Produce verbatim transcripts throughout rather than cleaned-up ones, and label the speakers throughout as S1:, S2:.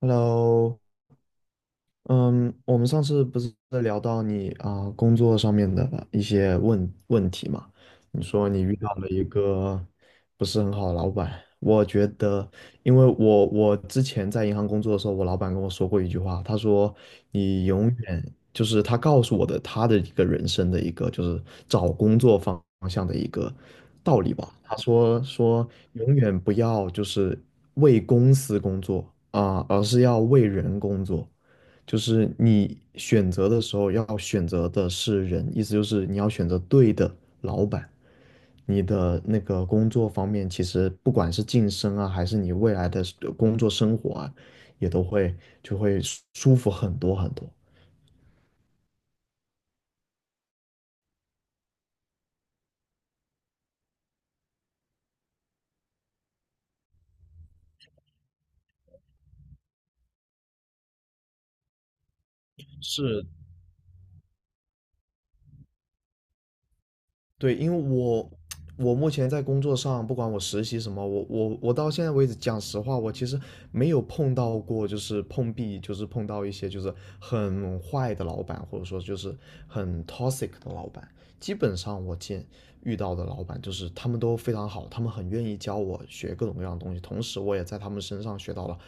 S1: Hello，嗯，我们上次不是在聊到你啊、工作上面的一些问问题嘛？你说你遇到了一个不是很好的老板。我觉得，因为我我之前在银行工作的时候，我老板跟我说过一句话。他说你永远就是他告诉我的他的一个人生的一个就是找工作方向的一个道理吧。他说说永远不要就是为公司工作啊、而是要为人工作。就是你选择的时候要选择的是人，意思就是你要选择对的老板。你的那个工作方面，其实不管是晋升啊，还是你未来的工作生活啊，也都会就会舒服很多很多。是。对，因为我我目前在工作上，不管我实习什么，我我我到现在为止，讲实话，我其实没有碰到过，就是碰壁，就是碰到一些就是很坏的老板，或者说就是很 toxic 的老板。基本上我见遇到的老板，就是他们都非常好，他们很愿意教我学各种各样的东西，同时我也在他们身上学到了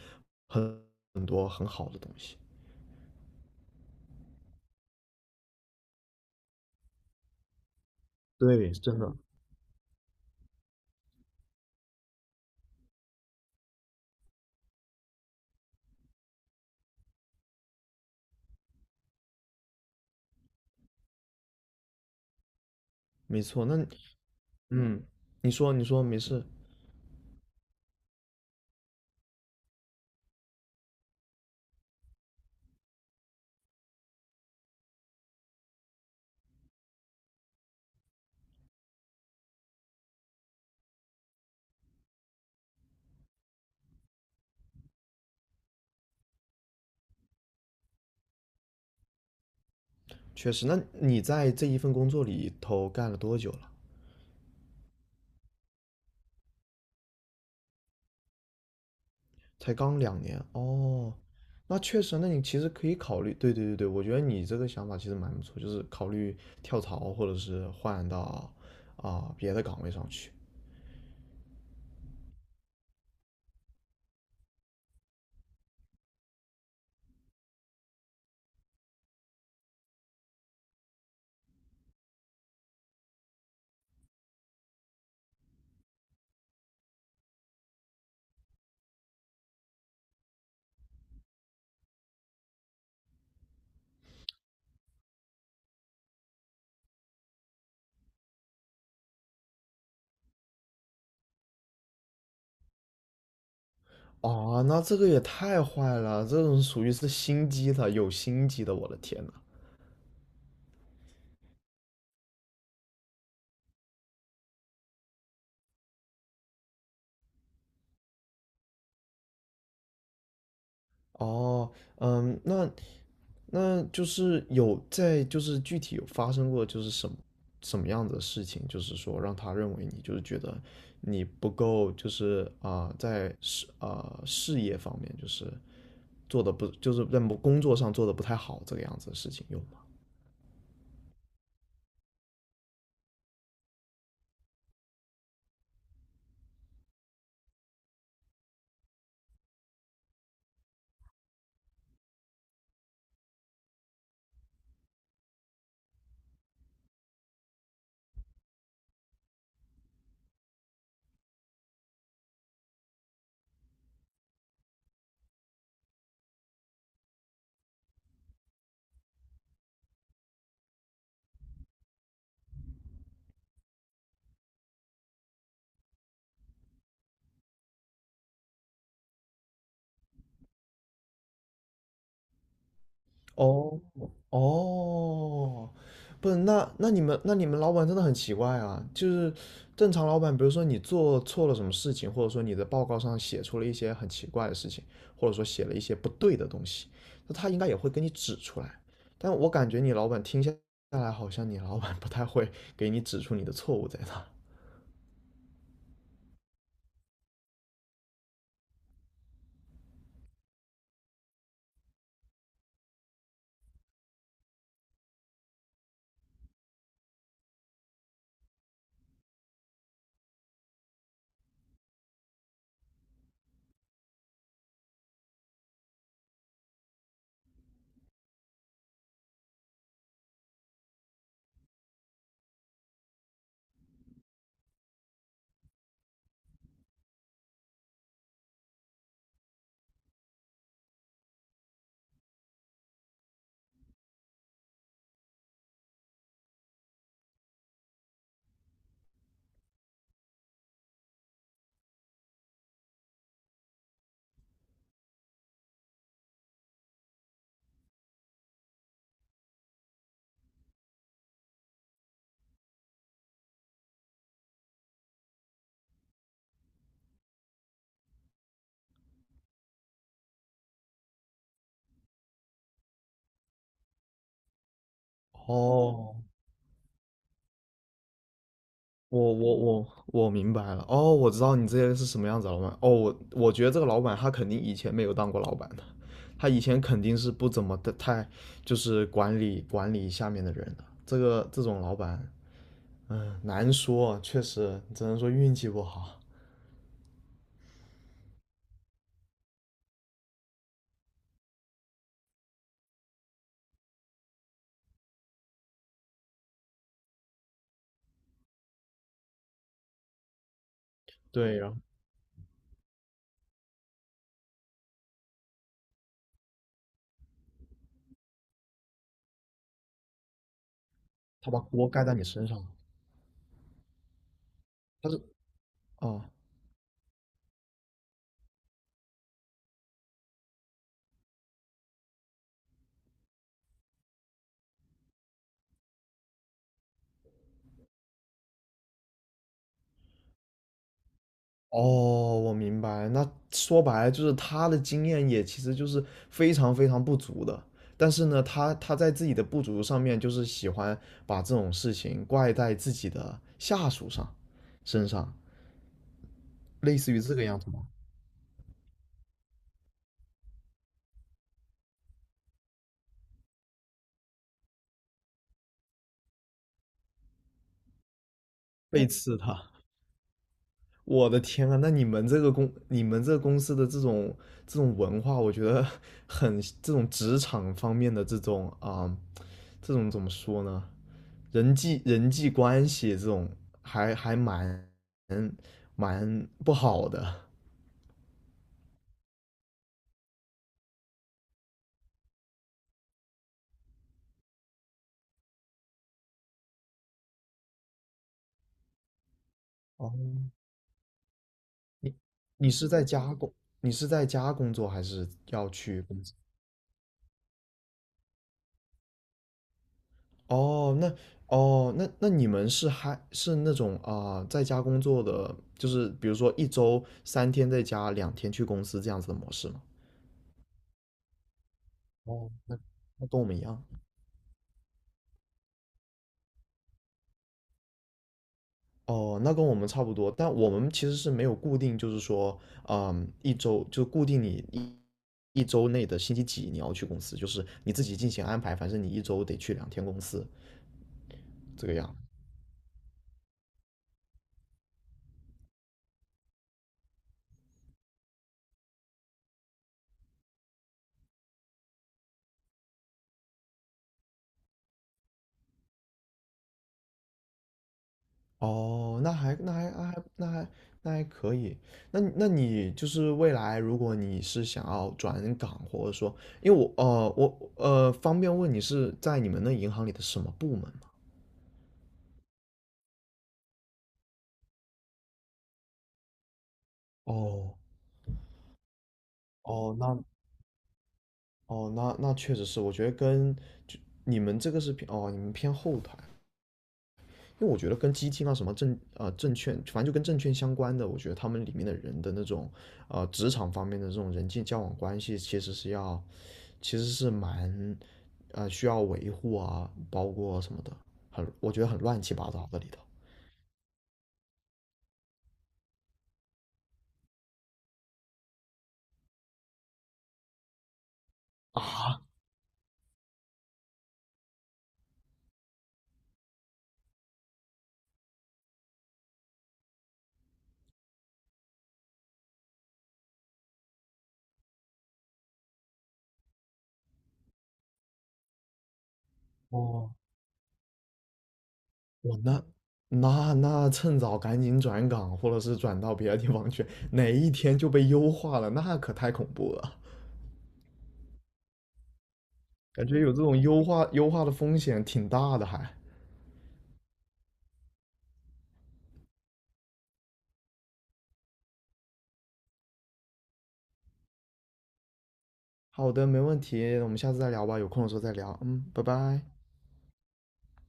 S1: 很很多很好的东西。对，真的。没错。那你嗯，你说你说没事。确实，那你在这一份工作里头干了多久了？才刚两年哦。那确实，那你其实可以考虑。对对对对，我觉得你这个想法其实蛮不错，就是考虑跳槽或者是换到啊、别的岗位上去。啊。那这个也太坏了，这种属于是心机的，有心机的，我的天呐。哦，嗯，那那就是有在，就是具体有发生过，就是什么什么样子的事情，就是说让他认为你就是觉得你不够，就是啊、呃在事啊、呃事业方面就是做的不，就是在工作上做的不太好这个样子的事情有吗？哦。哦，不是，那那你们那你们老板真的很奇怪啊！就是正常老板，比如说你做错了什么事情，或者说你的报告上写出了一些很奇怪的事情，或者说写了一些不对的东西，那他应该也会给你指出来。但我感觉你老板听下来，好像你老板不太会给你指出你的错误在哪。哦，我我我我明白了。哦，我知道你这些是什么样子的老板。哦，我我觉得这个老板他肯定以前没有当过老板的，他以前肯定是不怎么的太就是管理管理下面的人的，这个这种老板。嗯，难说，确实只能说运气不好。对，然后他把锅盖在你身上了。他是哦，哦，我明白。那说白了就是他的经验也其实就是非常非常不足的，但是呢，他他在自己的不足上面，就是喜欢把这种事情怪在自己的下属上身上，类似于这个样子吗？背刺他。我的天啊，那你们这个公你们这个公司的这种这种文化，我觉得很这种职场方面的这种啊、这种怎么说呢？人际人际关系这种还还蛮蛮不好的。哦，你你是在家工，你是在家工作还是要去工作？哦，那哦，那那你们是还是那种啊、在家工作的，就是比如说一周三天在家，两天去公司这样子的模式吗？哦，那那跟我们一样。哦，那跟我们差不多，但我们其实是没有固定，就是说，嗯，一周就固定你一一周内的星期几你要去公司，就是你自己进行安排，反正你一周得去两天公司，这个样。哦，那还那还那还那还那还可以。那你那你就是未来，如果你是想要转岗，或者说，因为我呃我呃方便问你是在你们那银行里的什么部门吗？哦。哦，那哦，那那确实是，我觉得跟就你们这个是偏哦，你们偏后台，因为我觉得跟基金啊什么证呃证券，反正就跟证券相关的，我觉得他们里面的人的那种呃职场方面的这种人际交往关系，其实是要其实是蛮呃需要维护啊，包括什么的，很我觉得很乱七八糟的里头。啊，哦，我那那那趁早赶紧转岗，或者是转到别的地方去，哪一天就被优化了，那可太恐怖了。感觉有这种优化优化的风险挺大的还。好的，没问题，我们下次再聊吧，有空的时候再聊。嗯，拜拜。